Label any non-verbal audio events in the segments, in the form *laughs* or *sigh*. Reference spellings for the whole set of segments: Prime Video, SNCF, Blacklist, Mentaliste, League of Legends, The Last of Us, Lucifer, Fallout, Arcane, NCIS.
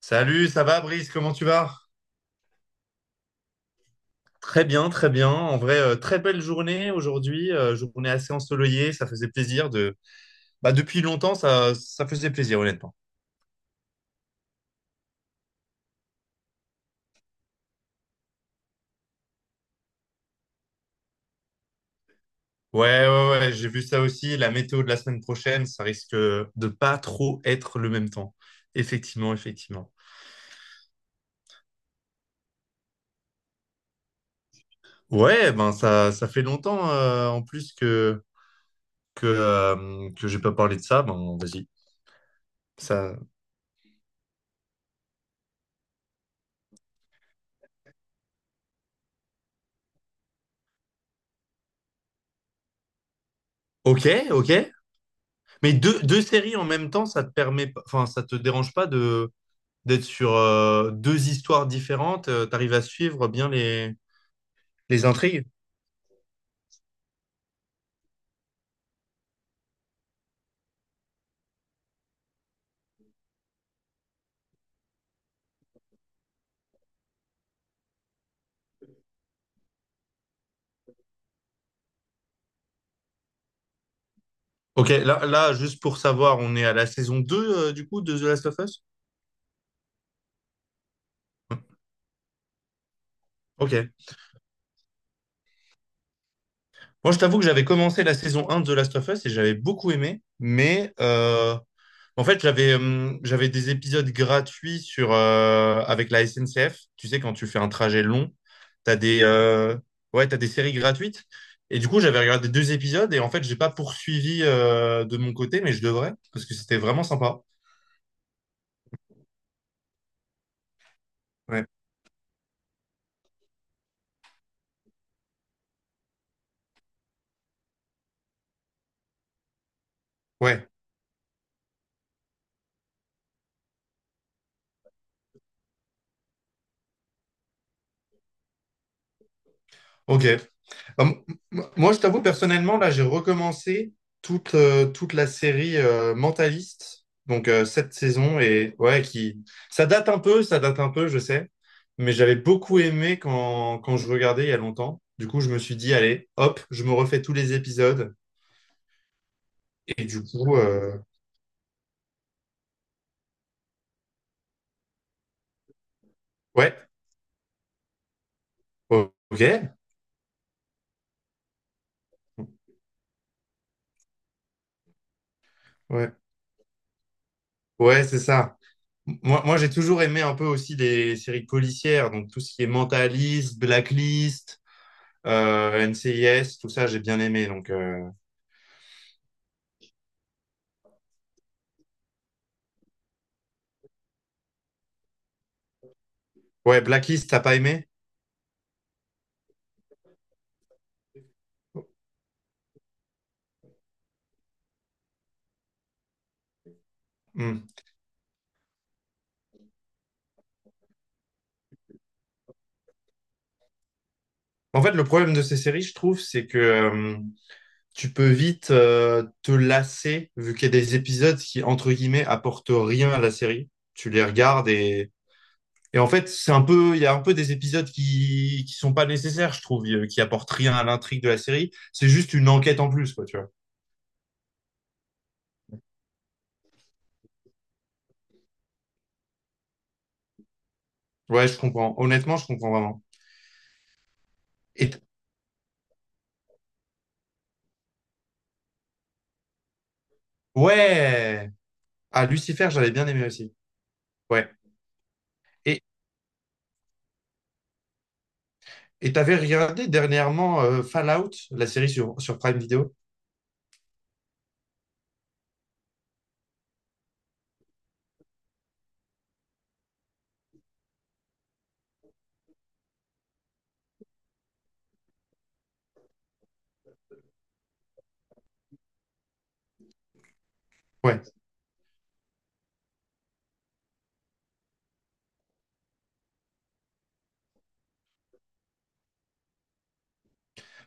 Salut, ça va Brice, comment tu vas? Très bien, très bien. En vrai, très belle journée aujourd'hui, journée assez ensoleillée, ça faisait plaisir de... Bah, depuis longtemps, ça faisait plaisir, honnêtement. Ouais, ouais, ouais, j'ai vu ça aussi. La météo de la semaine prochaine, ça risque de pas trop être le même temps. Effectivement, effectivement. Ouais, ben ça fait longtemps en plus que que j'ai pas parlé de ça. Ben vas-y. Ça. Ok, ok. Mais deux séries en même temps, ça te permet, pas- enfin, ça te dérange pas de d'être sur deux histoires différentes, t'arrives à suivre bien les intrigues. Ok, juste pour savoir, on est à la saison 2 du coup, de The Last of Us? Ok. Moi, je t'avoue que j'avais commencé la saison un de The Last of Us et j'avais beaucoup aimé, mais en fait, j'avais des épisodes gratuits sur avec la SNCF. Tu sais, quand tu fais un trajet long, t'as des ouais, t'as des séries gratuites. Et du coup, j'avais regardé deux épisodes et en fait, j'ai pas poursuivi de mon côté, mais je devrais parce que c'était vraiment sympa. Ouais. Ouais. Ok. Ah, moi, je t'avoue, personnellement, là, j'ai recommencé toute, toute la série Mentaliste, donc cette saison, et ouais, qui... Ça date un peu, ça date un peu, je sais, mais j'avais beaucoup aimé quand je regardais il y a longtemps. Du coup, je me suis dit, allez, hop, je me refais tous les épisodes, et du coup, ouais, ok, ouais, ouais, c'est ça. Moi, moi j'ai toujours aimé un peu aussi les séries policières, donc tout ce qui est Mentaliste, Blacklist, NCIS, tout ça, j'ai bien aimé. Donc, ouais, Blacklist, t'as pas aimé? Hmm. En fait, le problème de ces séries, je trouve, c'est que tu peux vite te lasser, vu qu'il y a des épisodes qui, entre guillemets, apportent rien à la série. Tu les regardes et en fait, c'est un peu, il y a un peu des épisodes qui sont pas nécessaires, je trouve, qui apportent rien à l'intrigue de la série. C'est juste une enquête en plus, quoi, tu vois. Ouais, je comprends. Honnêtement, je comprends vraiment. Et t- ouais! Ah, Lucifer, j'avais bien aimé aussi. Ouais. Et, Et t'avais regardé dernièrement Fallout, la série sur Prime Video? Ouais.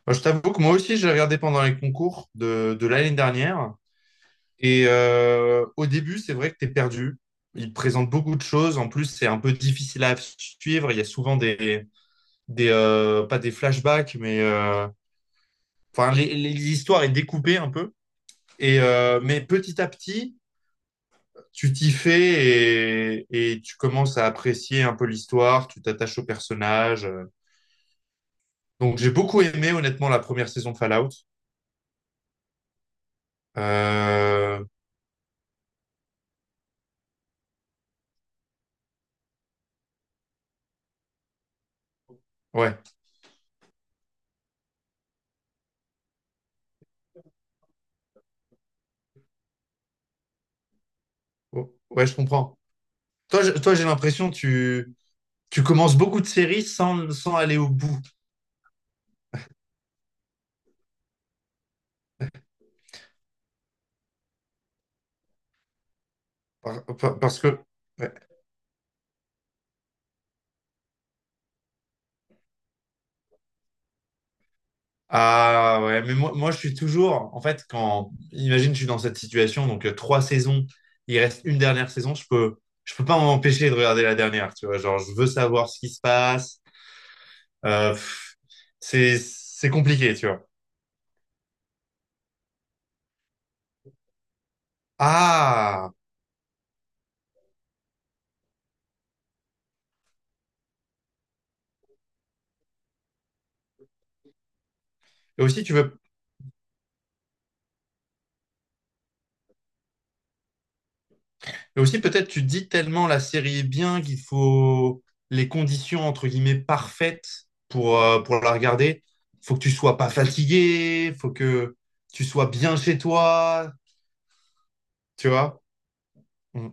Moi, je t'avoue que moi aussi, je l'ai regardé pendant les concours de l'année dernière. Et au début, c'est vrai que t'es perdu. Il te présente beaucoup de choses. En plus, c'est un peu difficile à suivre. Il y a souvent des pas des flashbacks, mais enfin, l'histoire est découpée un peu. Et mais petit à petit, tu t'y fais et tu commences à apprécier un peu l'histoire. Tu t'attaches au personnage. Donc j'ai beaucoup aimé honnêtement la première saison de Fallout. Euh, ouais, Oh, ouais, je comprends. Toi, toi, j'ai l'impression que tu commences beaucoup de séries sans sans aller au bout. Parce que ouais. Ah ouais, mais moi je suis toujours en fait quand imagine je suis dans cette situation donc trois saisons, il reste une dernière saison, je peux pas m'empêcher de regarder la dernière, tu vois, genre je veux savoir ce qui se passe. Euh, pff, c'est compliqué, tu vois. Ah, et aussi tu veux Et aussi, peut-être, tu dis tellement la série est bien qu'il faut les conditions, entre guillemets, parfaites pour la regarder. Faut que tu sois pas fatigué, faut que tu sois bien chez toi, tu vois. Mm.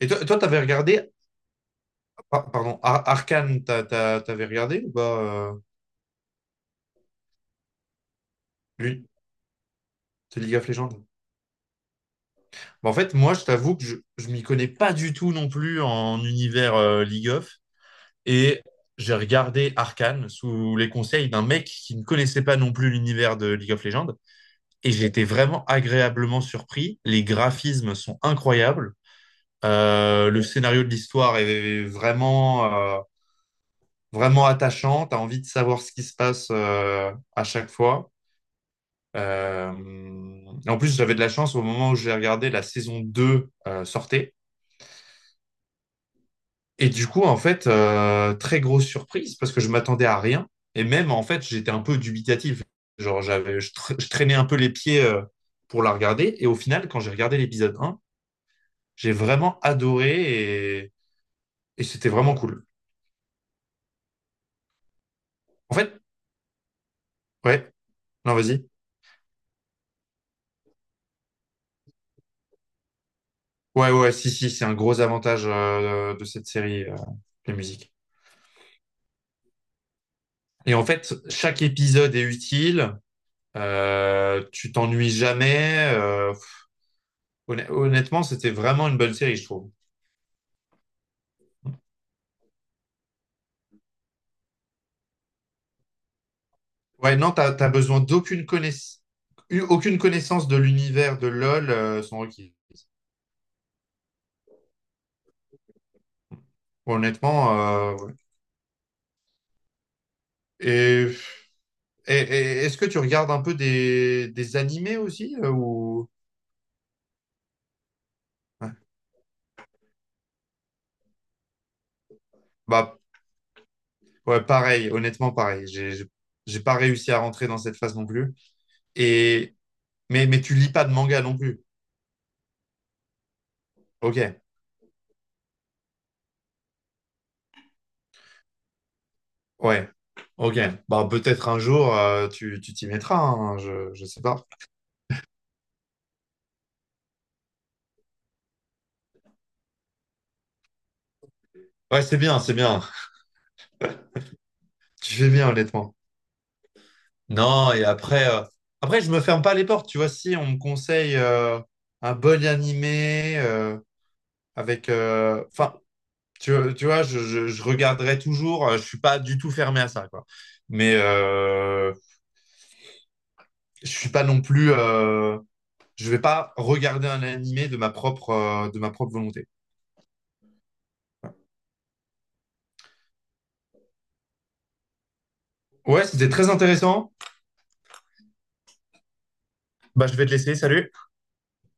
Et toi, toi, pardon, Arcane, t'avais regardé ou pas, euh, lui, de League of Legends? Bah, en fait, moi, je t'avoue que je m'y connais pas du tout non plus en univers League of. Et j'ai regardé Arcane sous les conseils d'un mec qui ne connaissait pas non plus l'univers de League of Legends. Et j'ai été vraiment agréablement surpris. Les graphismes sont incroyables. Le scénario de l'histoire est vraiment, vraiment attachant. Tu as envie de savoir ce qui se passe à chaque fois. Euh, en plus, j'avais de la chance au moment où j'ai regardé la saison 2 sortait. Et du coup, en fait, très grosse surprise parce que je m'attendais à rien. Et même, en fait, j'étais un peu dubitatif. Genre, je traînais un peu les pieds pour la regarder. Et au final, quand j'ai regardé l'épisode 1, j'ai vraiment adoré et c'était vraiment cool. En fait, ouais, non, vas-y. Ouais, ouais, si, si, c'est un gros avantage de cette série, les musiques. Et en fait, chaque épisode est utile. Tu t'ennuies jamais. Honnêtement, c'était vraiment une bonne série, je trouve. Ouais, non, t'as besoin aucune connaissance de l'univers de LoL sont requises. Honnêtement, ouais. Et, et- et est-ce que tu regardes un peu des animés aussi ou... ouais. Bah, ouais, pareil, honnêtement, pareil. J'ai pas réussi à rentrer dans cette phase non plus. Et, mais tu lis pas de manga non plus. Ok, ouais, ok. Bah, peut-être un jour, tu t'y mettras, hein, je sais pas. Ouais, c'est bien, c'est bien. *laughs* Tu fais bien, honnêtement. Non, et après, après, je me ferme pas les portes, tu vois, si on me conseille un bon animé avec, enfin, tu vois, je regarderai toujours, je suis pas du tout fermé à ça, quoi. Mais je suis pas non plus, je vais pas regarder un animé de ma propre volonté. Ouais, c'était très intéressant. Bah, je vais te laisser, salut.